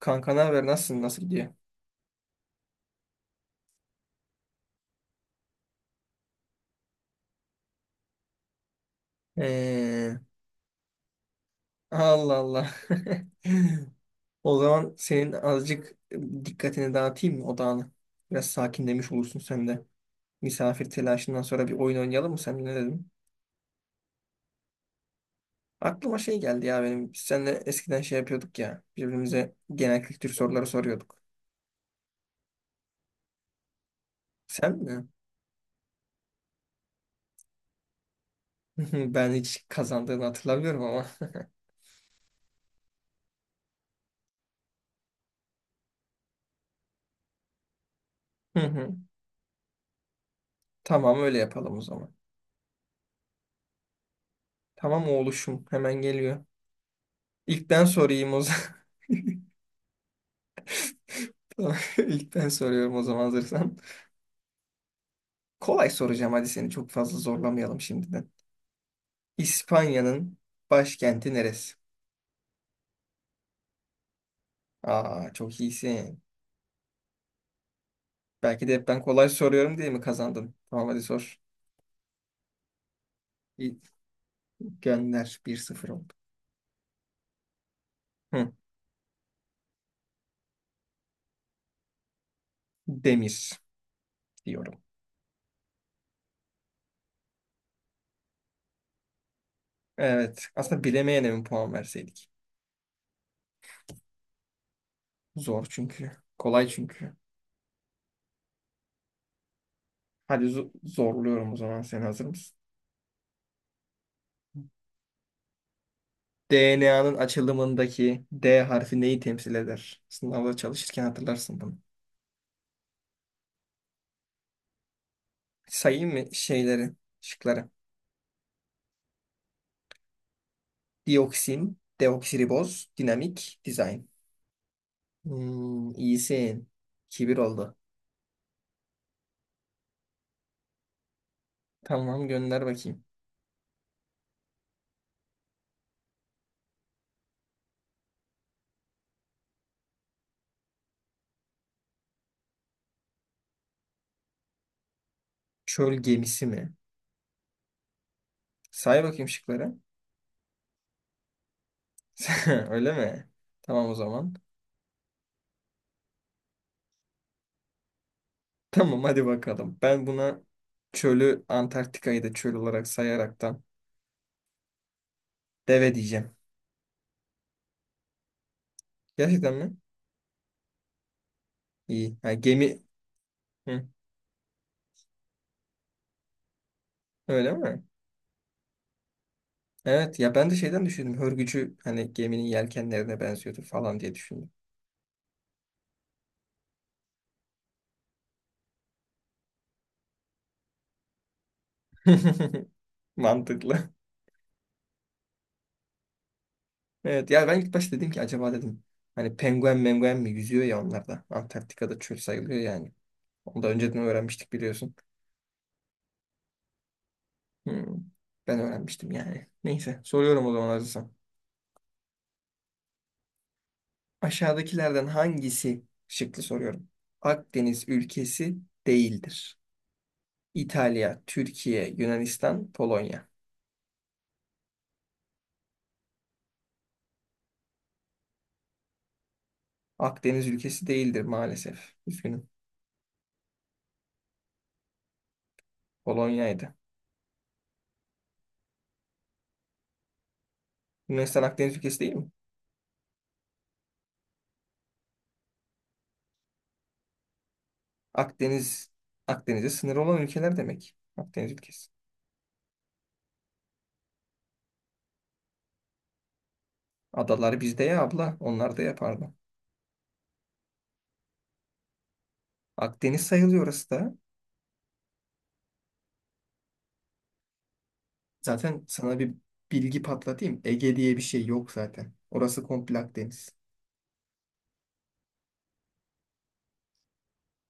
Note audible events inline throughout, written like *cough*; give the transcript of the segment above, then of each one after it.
Kanka ne haber? Nasılsın? Nasıl gidiyor? Ee, Allah Allah. *laughs* O zaman senin azıcık dikkatini dağıtayım mı odağını? Biraz sakinlemiş olursun sen de. Misafir telaşından sonra bir oyun oynayalım mı? Sen ne dedin? Aklıma şey geldi ya benim. Biz seninle eskiden şey yapıyorduk ya. Birbirimize genel kültür soruları soruyorduk. Sen mi? *laughs* Ben hiç kazandığını hatırlamıyorum ama. *laughs* Hı hı. Tamam öyle yapalım o zaman. Tamam oğluşum hemen geliyor. İlk ben sorayım o zaman. *laughs* Tamam, *laughs* İlk ben soruyorum o zaman hazırsan. Kolay soracağım, hadi seni çok fazla zorlamayalım şimdiden. İspanya'nın başkenti neresi? Aa, çok iyisin. Belki de hep ben kolay soruyorum diye mi kazandın? Tamam, hadi sor. İ- Gönder, 1-0 oldu. Hı, demir diyorum. Evet, aslında bilemeyene mi puan verseydik? Zor çünkü. Kolay çünkü. Hadi zorluyorum o zaman, sen hazır mısın? DNA'nın açılımındaki D harfi neyi temsil eder? Sınavda çalışırken hatırlarsın bunu. Sayayım mı şeyleri, şıkları? Dioksin, deoksiriboz, dinamik, dizayn. Hmm, iyisin. Kibir oldu. Tamam, gönder bakayım. Çöl gemisi mi? Say bakayım şıkları. *laughs* Öyle mi? Tamam o zaman. Tamam, hadi bakalım. Ben buna çölü, Antarktika'yı da çöl olarak sayaraktan, deve diyeceğim. Gerçekten mi? İyi. Ha, gemi. Hı, öyle mi? Evet ya, ben de şeyden düşündüm. Hörgücü hani geminin yelkenlerine benziyordu falan diye düşündüm. *laughs* Mantıklı. *laughs* Evet ya, ben ilk başta dedim ki acaba dedim, hani penguen menguen mi yüzüyor ya onlar da. Antarktika'da çöl sayılıyor yani. Onu da önceden öğrenmiştik, biliyorsun. Hmm, ben öğrenmiştim yani. Neyse, soruyorum o zaman hazırsan. Aşağıdakilerden hangisi şıklı soruyorum. Akdeniz ülkesi değildir. İtalya, Türkiye, Yunanistan, Polonya. Akdeniz ülkesi değildir maalesef. Üzgünüm. Polonya'ydı. Yunanistan Akdeniz ülkesi değil mi? Akdeniz, Akdeniz'e sınır olan ülkeler demek. Akdeniz ülkesi. Adalar bizde ya abla, onlar da yapardı. Akdeniz sayılıyor orası da. Zaten sana bir bilgi patlatayım. Ege diye bir şey yok zaten. Orası komple Akdeniz.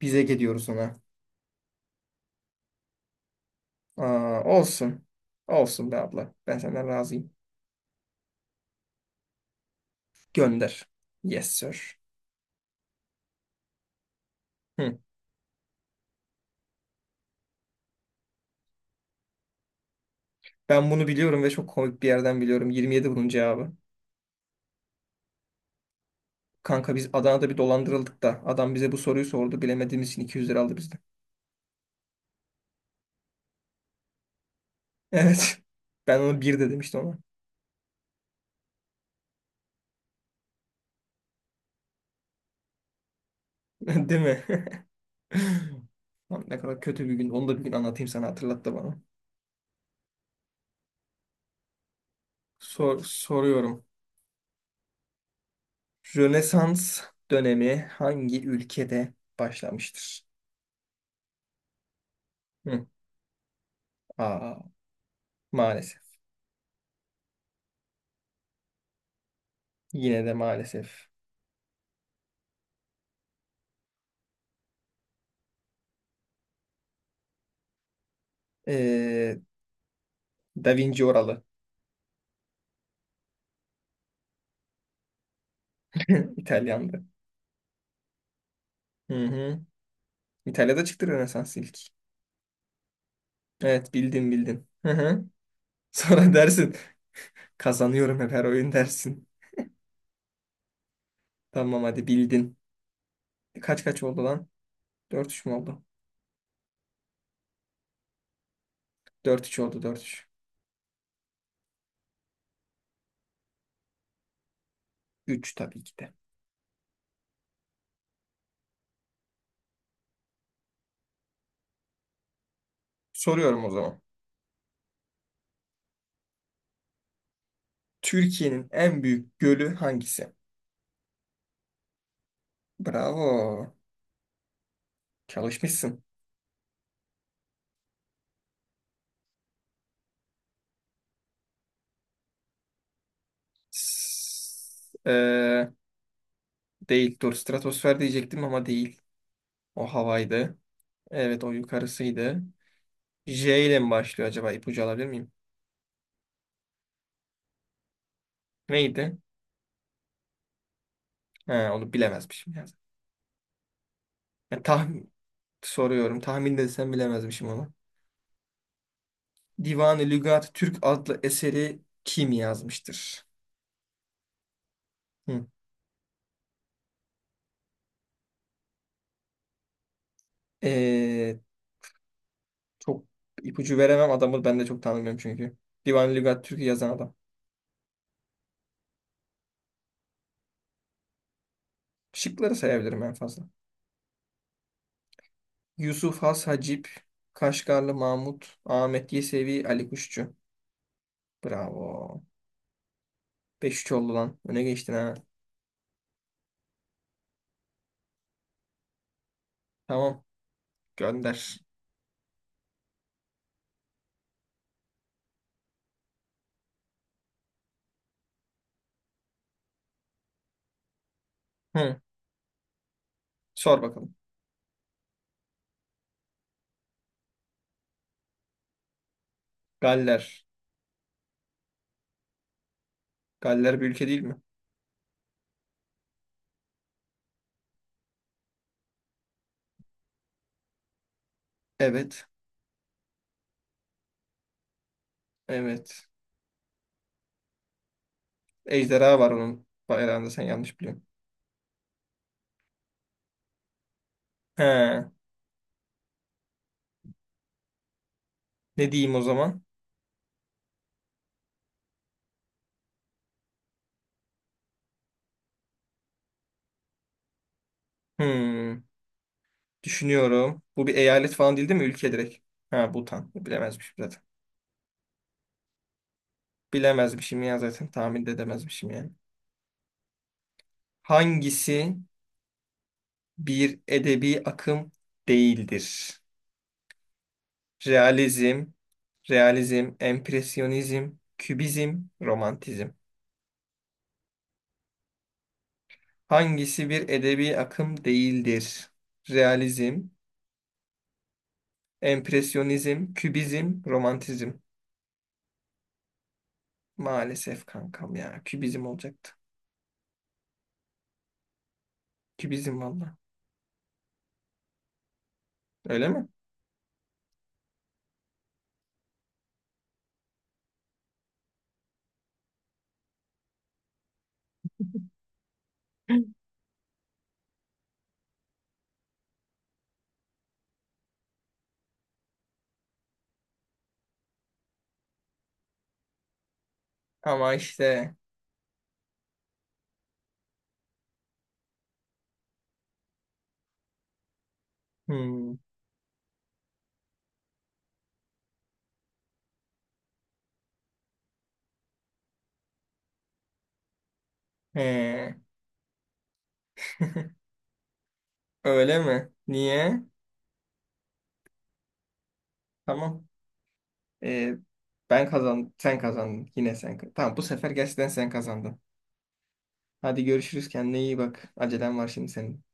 Biz Ege diyoruz ona. Aa, olsun. Olsun be abla. Ben senden razıyım. Gönder. Yes, sir. Hı. Ben bunu biliyorum ve çok komik bir yerden biliyorum. 27 bunun cevabı. Kanka, biz Adana'da bir dolandırıldık da adam bize bu soruyu sordu. Bilemediğimiz için 200 lira aldı bizden. Evet. Ben onu bir de demiştim ona. *laughs* Değil mi? *laughs* Lan, ne kadar kötü bir gün. Onu da bir gün anlatayım sana, hatırlattı bana. Sor, soruyorum. Rönesans dönemi hangi ülkede başlamıştır? Hı. Aa, maalesef. Yine de maalesef. Ee, Da Vinci oralı. *laughs* İtalyandı. Hı hı. İtalya'da çıktı Rönesans ilk. Evet, bildin bildin. Hı hı. *laughs* Sonra dersin, kazanıyorum hep her oyun, dersin. Tamam hadi, bildin. Kaç kaç oldu lan? 4-3 mü oldu? 4-3 oldu. 4-3. Üç tabii ki de. Soruyorum o zaman. Türkiye'nin en büyük gölü hangisi? Bravo. Çalışmışsın. S- eee, değil. Dur, stratosfer diyecektim ama değil. O havaydı. Evet, o yukarısıydı. J ile mi başlıyor acaba? İpucu alabilir miyim? Neydi? Ha, onu bilemezmişim. Ya. Ya, tahmin soruyorum. Tahmin desem bilemezmişim onu. Divan-ı Lügat Türk adlı eseri kim yazmıştır? Hı. Ee, Çok ipucu veremem, adamı ben de çok tanımıyorum çünkü. Divan Lügat Türk'ü yazan adam. Şıkları sayabilirim en fazla. Yusuf Has Hacip, Kaşgarlı Mahmut, Ahmet Yesevi, Ali Kuşçu. Bravo. Beş 3 oldu lan. Öne geçtin ha. Tamam. Gönder. Hı. Sor bakalım. Galler. Galler bir ülke değil mi? Evet. Evet. Ejderha var onun bayrağında, sen yanlış biliyorsun. He. Ne diyeyim o zaman? Hmm. Düşünüyorum. Bu bir eyalet falan değil değil mi? Ülke direkt. Ha, Bhutan. Bilemezmişim zaten. Bilemezmişim ya zaten. Tahmin de edemezmişim yani. Hangisi bir edebi akım değildir? Realizm, realizm, empresyonizm, kübizm, romantizm. Hangisi bir edebi akım değildir? Realizm, empresyonizm, kübizm, romantizm. Maalesef kankam ya. Kübizm olacaktı. Kübizm valla. Öyle mi? Ama işte. Hmm, he. *laughs* Öyle mi? Niye? Tamam. Ee, ben kazandım. Sen kazandın. Yine sen. Tamam, bu sefer gerçekten sen kazandın. Hadi görüşürüz. Kendine iyi bak. Acelen var şimdi senin.